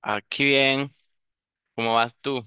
Aquí bien, ¿cómo vas tú?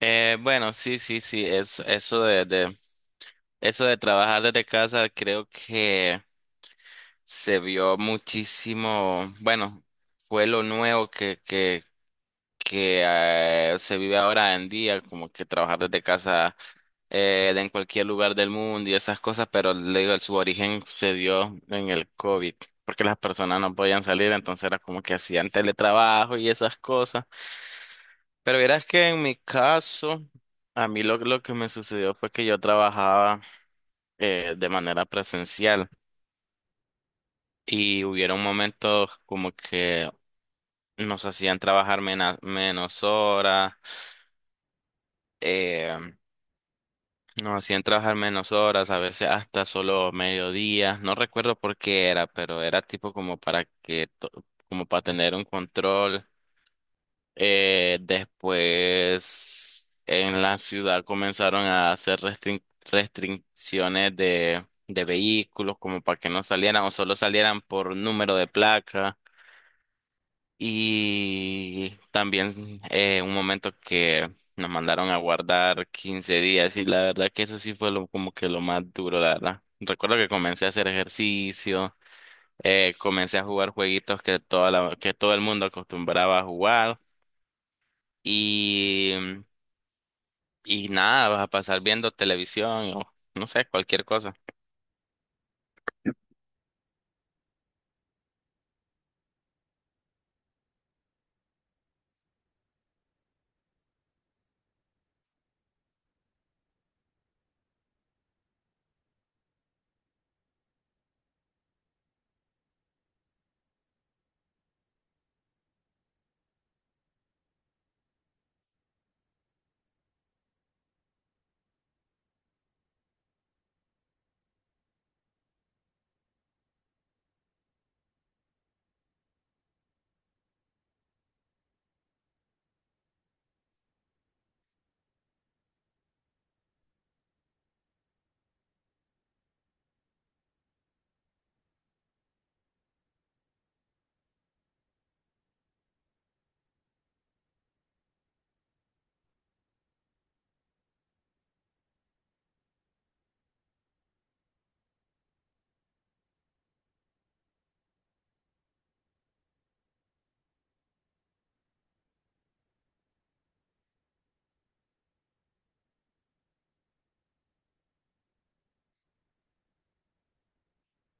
Bueno, sí, sí, sí, eso de trabajar desde casa creo que se vio muchísimo. Bueno, fue lo nuevo que se vive ahora en día, como que trabajar desde casa de en cualquier lugar del mundo y esas cosas, pero le digo, su origen se dio en el COVID, porque las personas no podían salir, entonces era como que hacían teletrabajo y esas cosas. Pero verás que en mi caso, a mí lo que me sucedió fue que yo trabajaba de manera presencial y hubieron momentos como que nos hacían trabajar menos horas. eh, Nos hacían trabajar menos horas, a veces hasta solo mediodía, no recuerdo por qué era, pero era tipo como para como para tener un control. Después en la ciudad comenzaron a hacer restricciones de vehículos como para que no salieran o solo salieran por número de placa. Y también un momento que nos mandaron a guardar 15 días, y la verdad que eso sí fue lo, como que lo más duro, la verdad. Recuerdo que comencé a hacer ejercicio, comencé a jugar jueguitos que, que todo el mundo acostumbraba a jugar. Y Y nada, vas a pasar viendo televisión o no sé, cualquier cosa.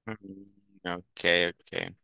Mm. Ok, ok.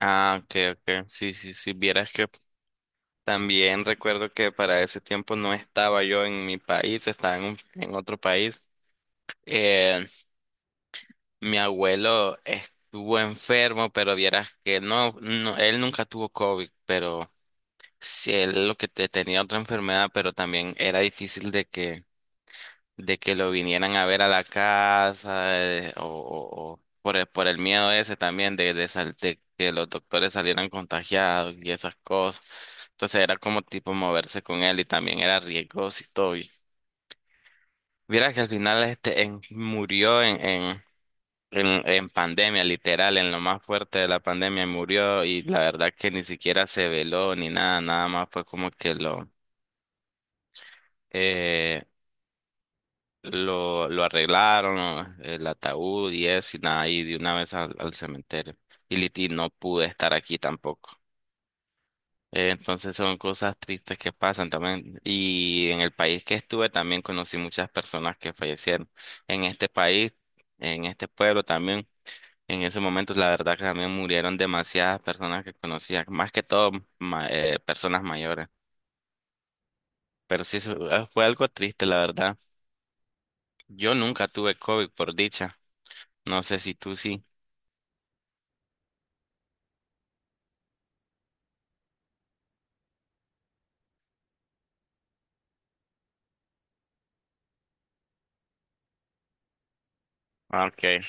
Ah, ok, ok. Sí, sí, sí, vieras que también recuerdo que para ese tiempo no estaba yo en mi país, estaba en otro país. Eh, Mi abuelo estuvo enfermo, pero vieras que no, no, él nunca tuvo COVID, pero sí, él lo que tenía otra enfermedad, pero también era difícil de que lo vinieran a ver a la casa, o por por el miedo ese también de que los doctores salieran contagiados y esas cosas. Entonces era como tipo moverse con él y también era riesgoso y todo. Y mira que al final este murió en pandemia, literal, en lo más fuerte de la pandemia murió y la verdad que ni siquiera se veló ni nada, nada más fue como que lo... eh, lo arreglaron, ¿no?, el ataúd y eso, y nada, y de una vez al, al cementerio. Y, y no pude estar aquí tampoco. Entonces son cosas tristes que pasan también. Y en el país que estuve también conocí muchas personas que fallecieron. En este país, en este pueblo también, en ese momento la verdad que también murieron demasiadas personas que conocía, más que todo personas mayores. Pero sí, eso, fue algo triste, la verdad. Yo nunca tuve COVID, por dicha. No sé si tú sí. Okay.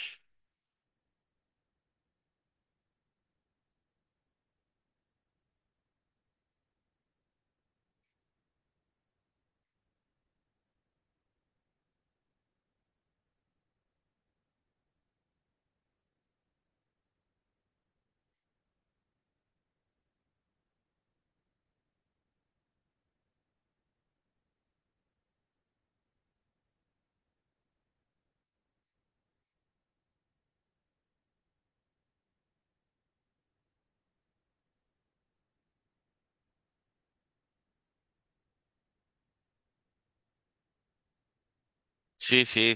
Sí, sí.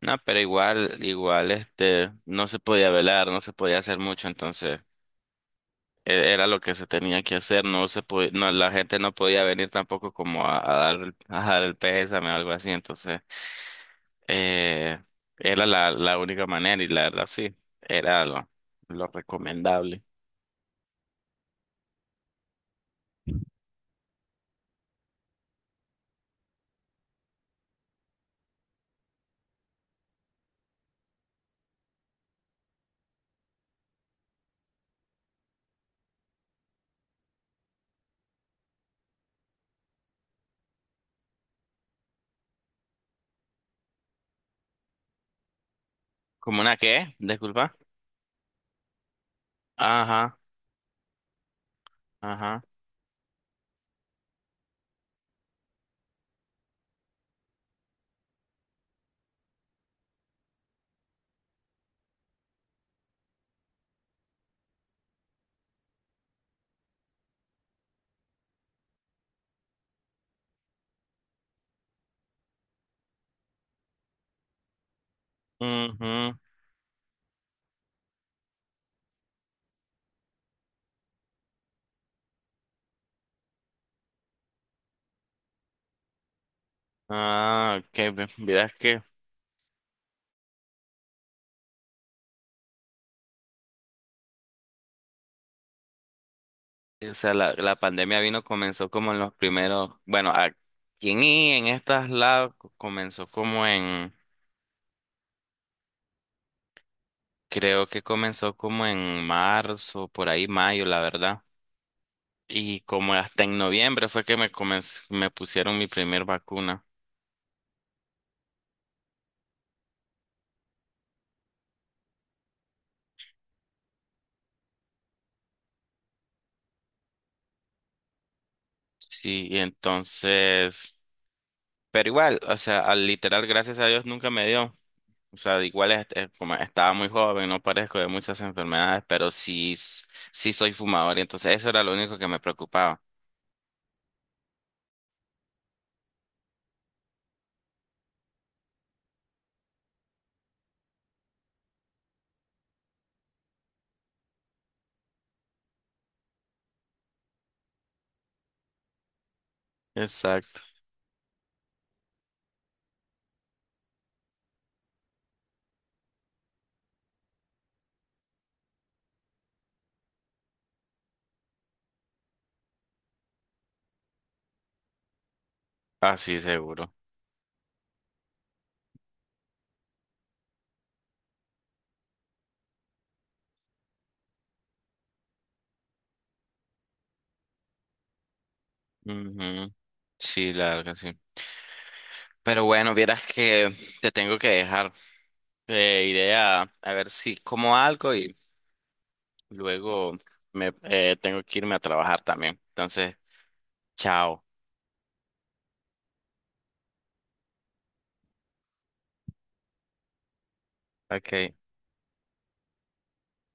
No, pero igual, igual, este, no se podía velar, no se podía hacer mucho, entonces era lo que se tenía que hacer, no se podía, no, la gente no podía venir tampoco como a dar, a dar el pésame o algo así, entonces eh, era la única manera y la verdad sí, era lo recomendable. ¿Como una qué? Disculpa. Ajá, ajá. Ujú. Ah, ok, verás que. O sea, la pandemia vino, comenzó como en los primeros, bueno, aquí I, en estas labs comenzó como en, creo que comenzó como en marzo, por ahí mayo, la verdad. Y como hasta en noviembre fue que me me pusieron mi primer vacuna. Sí, y entonces, pero igual, o sea, al literal, gracias a Dios nunca me dio. O sea, igual es como estaba muy joven, no parezco de muchas enfermedades, pero sí, sí soy fumador, y entonces eso era lo único que me preocupaba. Exacto. Ah, sí, seguro. Ujú. Sí, la verdad que sí. Pero bueno, vieras que te tengo que dejar. Iré a ver si como algo y luego me tengo que irme a trabajar también. Entonces, chao. Ok.